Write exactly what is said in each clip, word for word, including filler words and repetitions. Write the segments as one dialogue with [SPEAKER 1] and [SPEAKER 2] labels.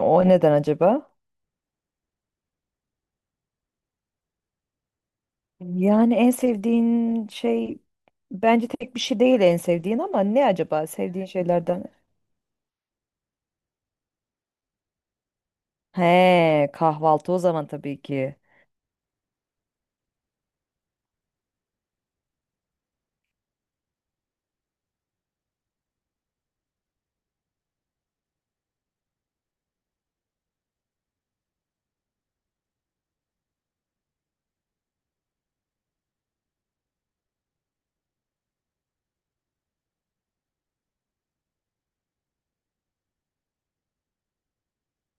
[SPEAKER 1] O neden acaba? Yani en sevdiğin şey bence tek bir şey değil en sevdiğin, ama ne acaba sevdiğin şeylerden? He, kahvaltı o zaman tabii ki.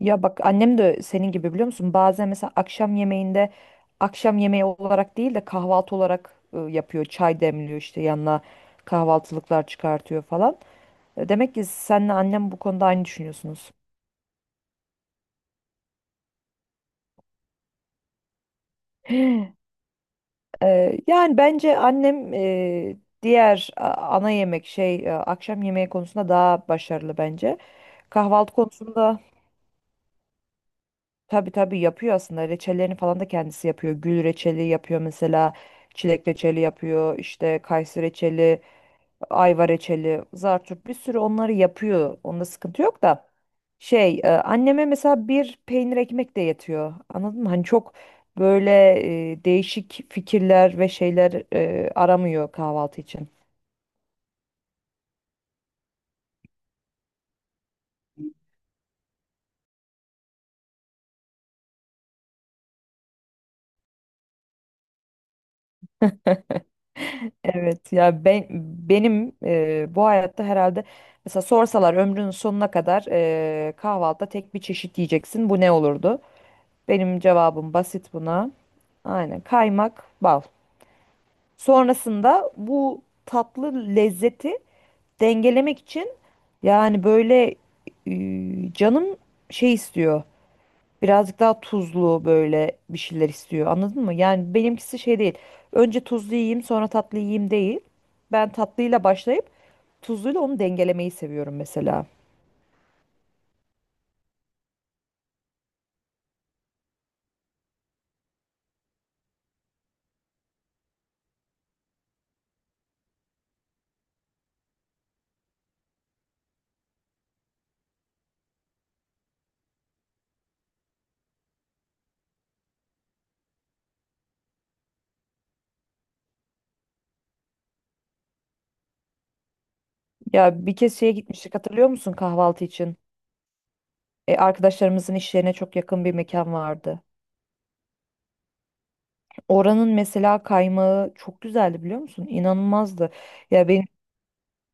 [SPEAKER 1] Ya bak, annem de senin gibi, biliyor musun? Bazen mesela akşam yemeğinde akşam yemeği olarak değil de kahvaltı olarak e, yapıyor. Çay demliyor, işte yanına kahvaltılıklar çıkartıyor falan. E, Demek ki senle annem bu konuda aynı düşünüyorsunuz. Ee, yani bence annem e, diğer a- ana yemek şey e, akşam yemeği konusunda daha başarılı bence. Kahvaltı konusunda tabii tabii yapıyor aslında. Reçellerini falan da kendisi yapıyor. Gül reçeli yapıyor mesela. Çilek reçeli yapıyor. İşte kayısı reçeli, ayva reçeli, zartçuk, bir sürü onları yapıyor. Onda sıkıntı yok da. Şey, e, anneme mesela bir peynir ekmek de yetiyor. Anladın mı? Hani çok böyle e, değişik fikirler ve şeyler e, aramıyor kahvaltı için. Evet ya, ben benim e, bu hayatta herhalde mesela sorsalar ömrünün sonuna kadar e, kahvaltıda tek bir çeşit yiyeceksin. Bu ne olurdu? Benim cevabım basit buna. Aynen kaymak, bal. Sonrasında bu tatlı lezzeti dengelemek için yani böyle, e, canım şey istiyor. Birazcık daha tuzlu böyle bir şeyler istiyor. Anladın mı? Yani benimkisi şey değil. Önce tuzlu yiyeyim sonra tatlı yiyeyim değil. Ben tatlıyla başlayıp tuzluyla onu dengelemeyi seviyorum mesela. Ya bir kez şeye gitmiştik, hatırlıyor musun, kahvaltı için? E, arkadaşlarımızın iş yerine çok yakın bir mekan vardı. Oranın mesela kaymağı çok güzeldi, biliyor musun? İnanılmazdı. Ya benim,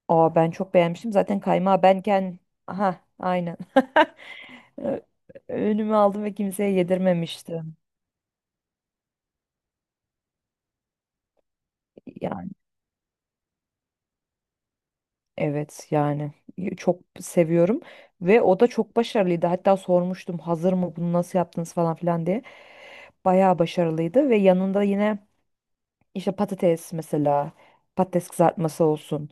[SPEAKER 1] aa, ben çok beğenmiştim. Zaten kaymağı benken, aha aynen. Ö- Önüme aldım ve kimseye yedirmemiştim. Yani evet yani, Y- çok seviyorum ve o da çok başarılıydı. Hatta sormuştum, hazır mı, bunu nasıl yaptınız falan filan diye. Bayağı başarılıydı ve yanında yine İşte patates mesela, patates kızartması olsun.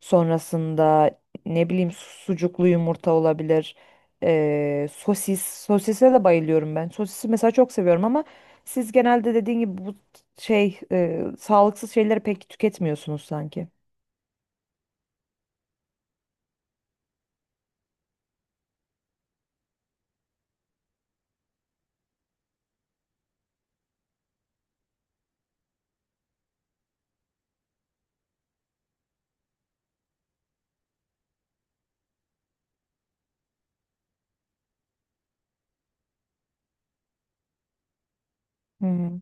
[SPEAKER 1] Sonrasında ne bileyim sucuklu yumurta olabilir. Ee, sosis. Sosise de bayılıyorum ben. Sosisi mesela çok seviyorum ama siz genelde dediğin gibi bu şey e, sağlıksız şeyleri pek tüketmiyorsunuz sanki. Hı hı.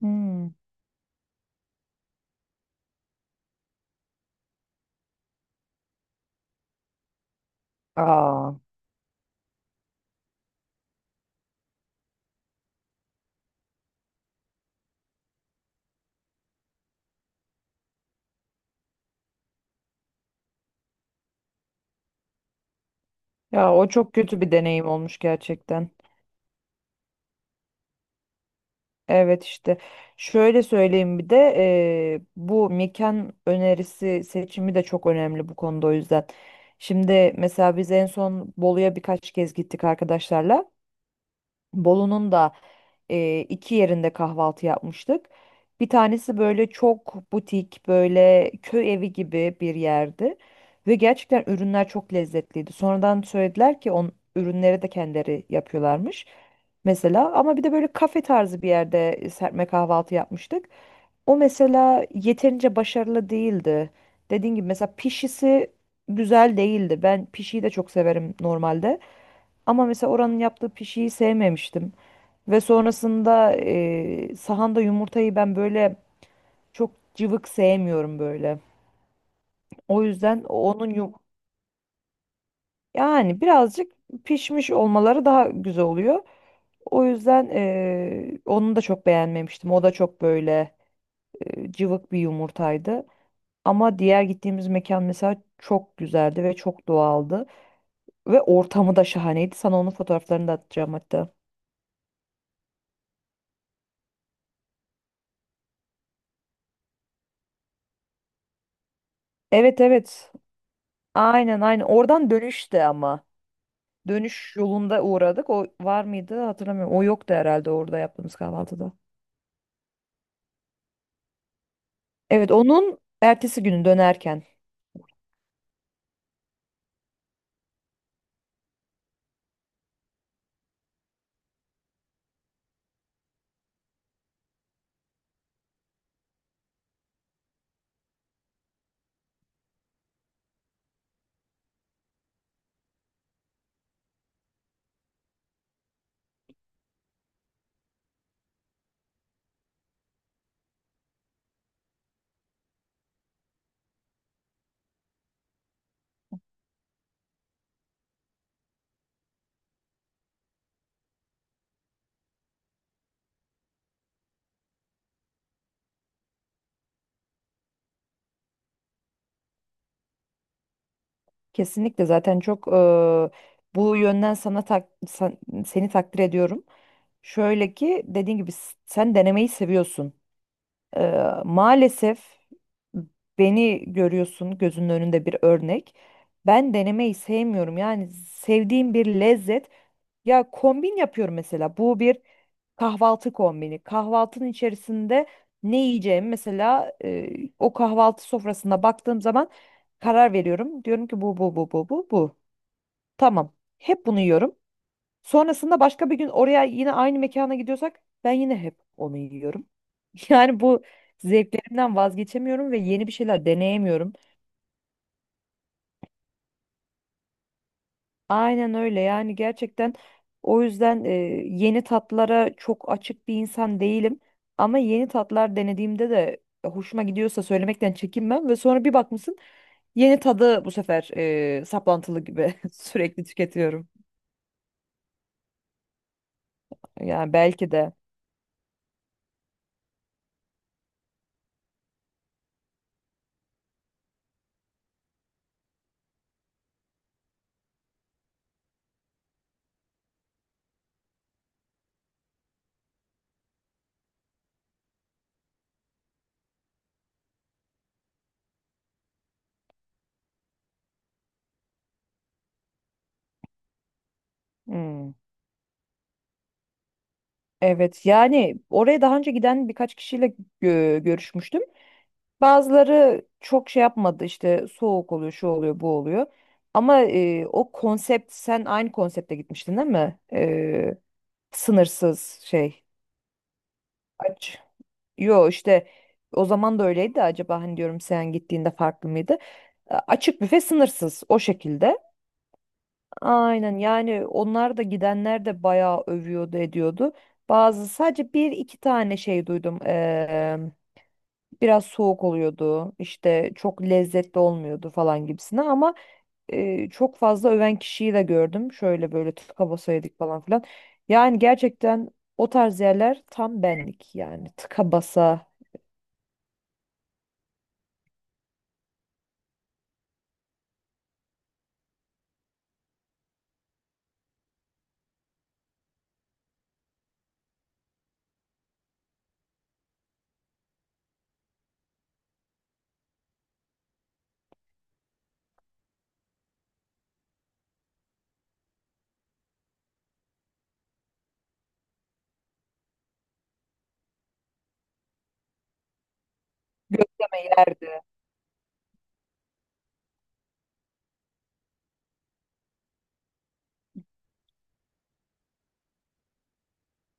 [SPEAKER 1] Hmm. Aa, ya o çok kötü bir deneyim olmuş gerçekten. Evet işte şöyle söyleyeyim, bir de eee, bu mekan önerisi seçimi de çok önemli bu konuda, o yüzden. Şimdi mesela biz en son Bolu'ya birkaç kez gittik arkadaşlarla. Bolu'nun da e, iki yerinde kahvaltı yapmıştık. Bir tanesi böyle çok butik, böyle köy evi gibi bir yerdi. Ve gerçekten ürünler çok lezzetliydi. Sonradan söylediler ki on ürünleri de kendileri yapıyorlarmış. Mesela ama bir de böyle kafe tarzı bir yerde serpme kahvaltı yapmıştık. O mesela yeterince başarılı değildi. Dediğim gibi mesela pişisi güzel değildi. Ben pişiyi de çok severim normalde. Ama mesela oranın yaptığı pişiyi sevmemiştim. Ve sonrasında e, sahanda yumurtayı ben böyle çok cıvık sevmiyorum böyle. O yüzden onun yum yani birazcık pişmiş olmaları daha güzel oluyor. O yüzden e, onu da çok beğenmemiştim. O da çok böyle e, cıvık bir yumurtaydı. Ama diğer gittiğimiz mekan mesela çok güzeldi ve çok doğaldı. Ve ortamı da şahaneydi. Sana onun fotoğraflarını da atacağım hatta. Evet, evet. Aynen aynen. Oradan dönüşte ama. Dönüş yolunda uğradık. O var mıydı hatırlamıyorum. O yoktu herhalde orada yaptığımız kahvaltıda. Evet, onun ertesi günü dönerken. Kesinlikle, zaten çok eee, bu yönden sana tak, sen- seni takdir ediyorum. Şöyle ki dediğin gibi s- sen denemeyi seviyorsun. Eee, maalesef beni görüyorsun gözünün önünde, bir örnek. Ben denemeyi sevmiyorum. Yani sevdiğim bir lezzet. Ya kombin yapıyorum mesela. Bu bir kahvaltı kombini. Kahvaltının içerisinde ne yiyeceğim mesela, e, o kahvaltı sofrasına baktığım zaman karar veriyorum. Diyorum ki bu bu bu bu bu bu. Tamam. Hep bunu yiyorum. Sonrasında başka bir gün oraya yine aynı mekana gidiyorsak ben yine hep onu yiyorum. Yani bu zevklerimden vazgeçemiyorum ve yeni bir şeyler deneyemiyorum. Aynen öyle, yani gerçekten o yüzden e, yeni tatlara çok açık bir insan değilim. Ama yeni tatlar denediğimde de hoşuma gidiyorsa söylemekten çekinmem ve sonra bir bakmışsın yeni tadı bu sefer e, saplantılı gibi sürekli tüketiyorum. Yani belki de. Hmm. Evet, yani oraya daha önce giden birkaç kişiyle gö- görüşmüştüm. Bazıları çok şey yapmadı, işte soğuk oluyor, şu oluyor, bu oluyor. Ama e, o konsept, sen aynı konsepte gitmiştin değil mi? E, sınırsız şey aç. Yo işte o zaman da öyleydi de, acaba hani diyorum sen gittiğinde farklı mıydı? E, Açık büfe sınırsız o şekilde. Aynen, yani onlar da, gidenler de bayağı övüyordu ediyordu. Bazı sadece bir iki tane şey duydum. Eee, biraz soğuk oluyordu işte, çok lezzetli olmuyordu falan gibisine ama eee, çok fazla öven kişiyi de gördüm. Şöyle böyle tıka basa yedik falan filan. Yani gerçekten o tarz yerler tam benlik, yani tıka basa gözleme yerdi.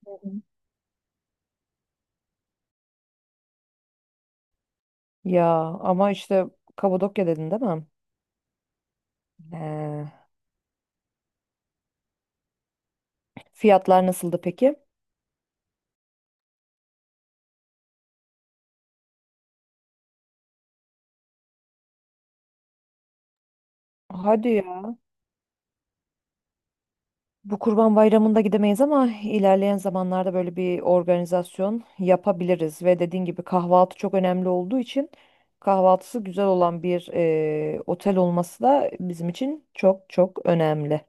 [SPEAKER 1] Hı hı. Ya ama işte Kabadokya dedin değil mi? Eee, fiyatlar nasıldı peki? Hadi, bu Kurban Bayramı'nda gidemeyiz ama ilerleyen zamanlarda böyle bir organizasyon yapabiliriz. Ve dediğin gibi kahvaltı çok önemli olduğu için kahvaltısı güzel olan bir eee, otel olması da bizim için çok çok önemli.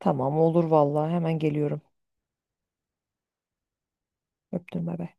[SPEAKER 1] Tamam olur vallahi, hemen geliyorum. Öptüm, bay bay.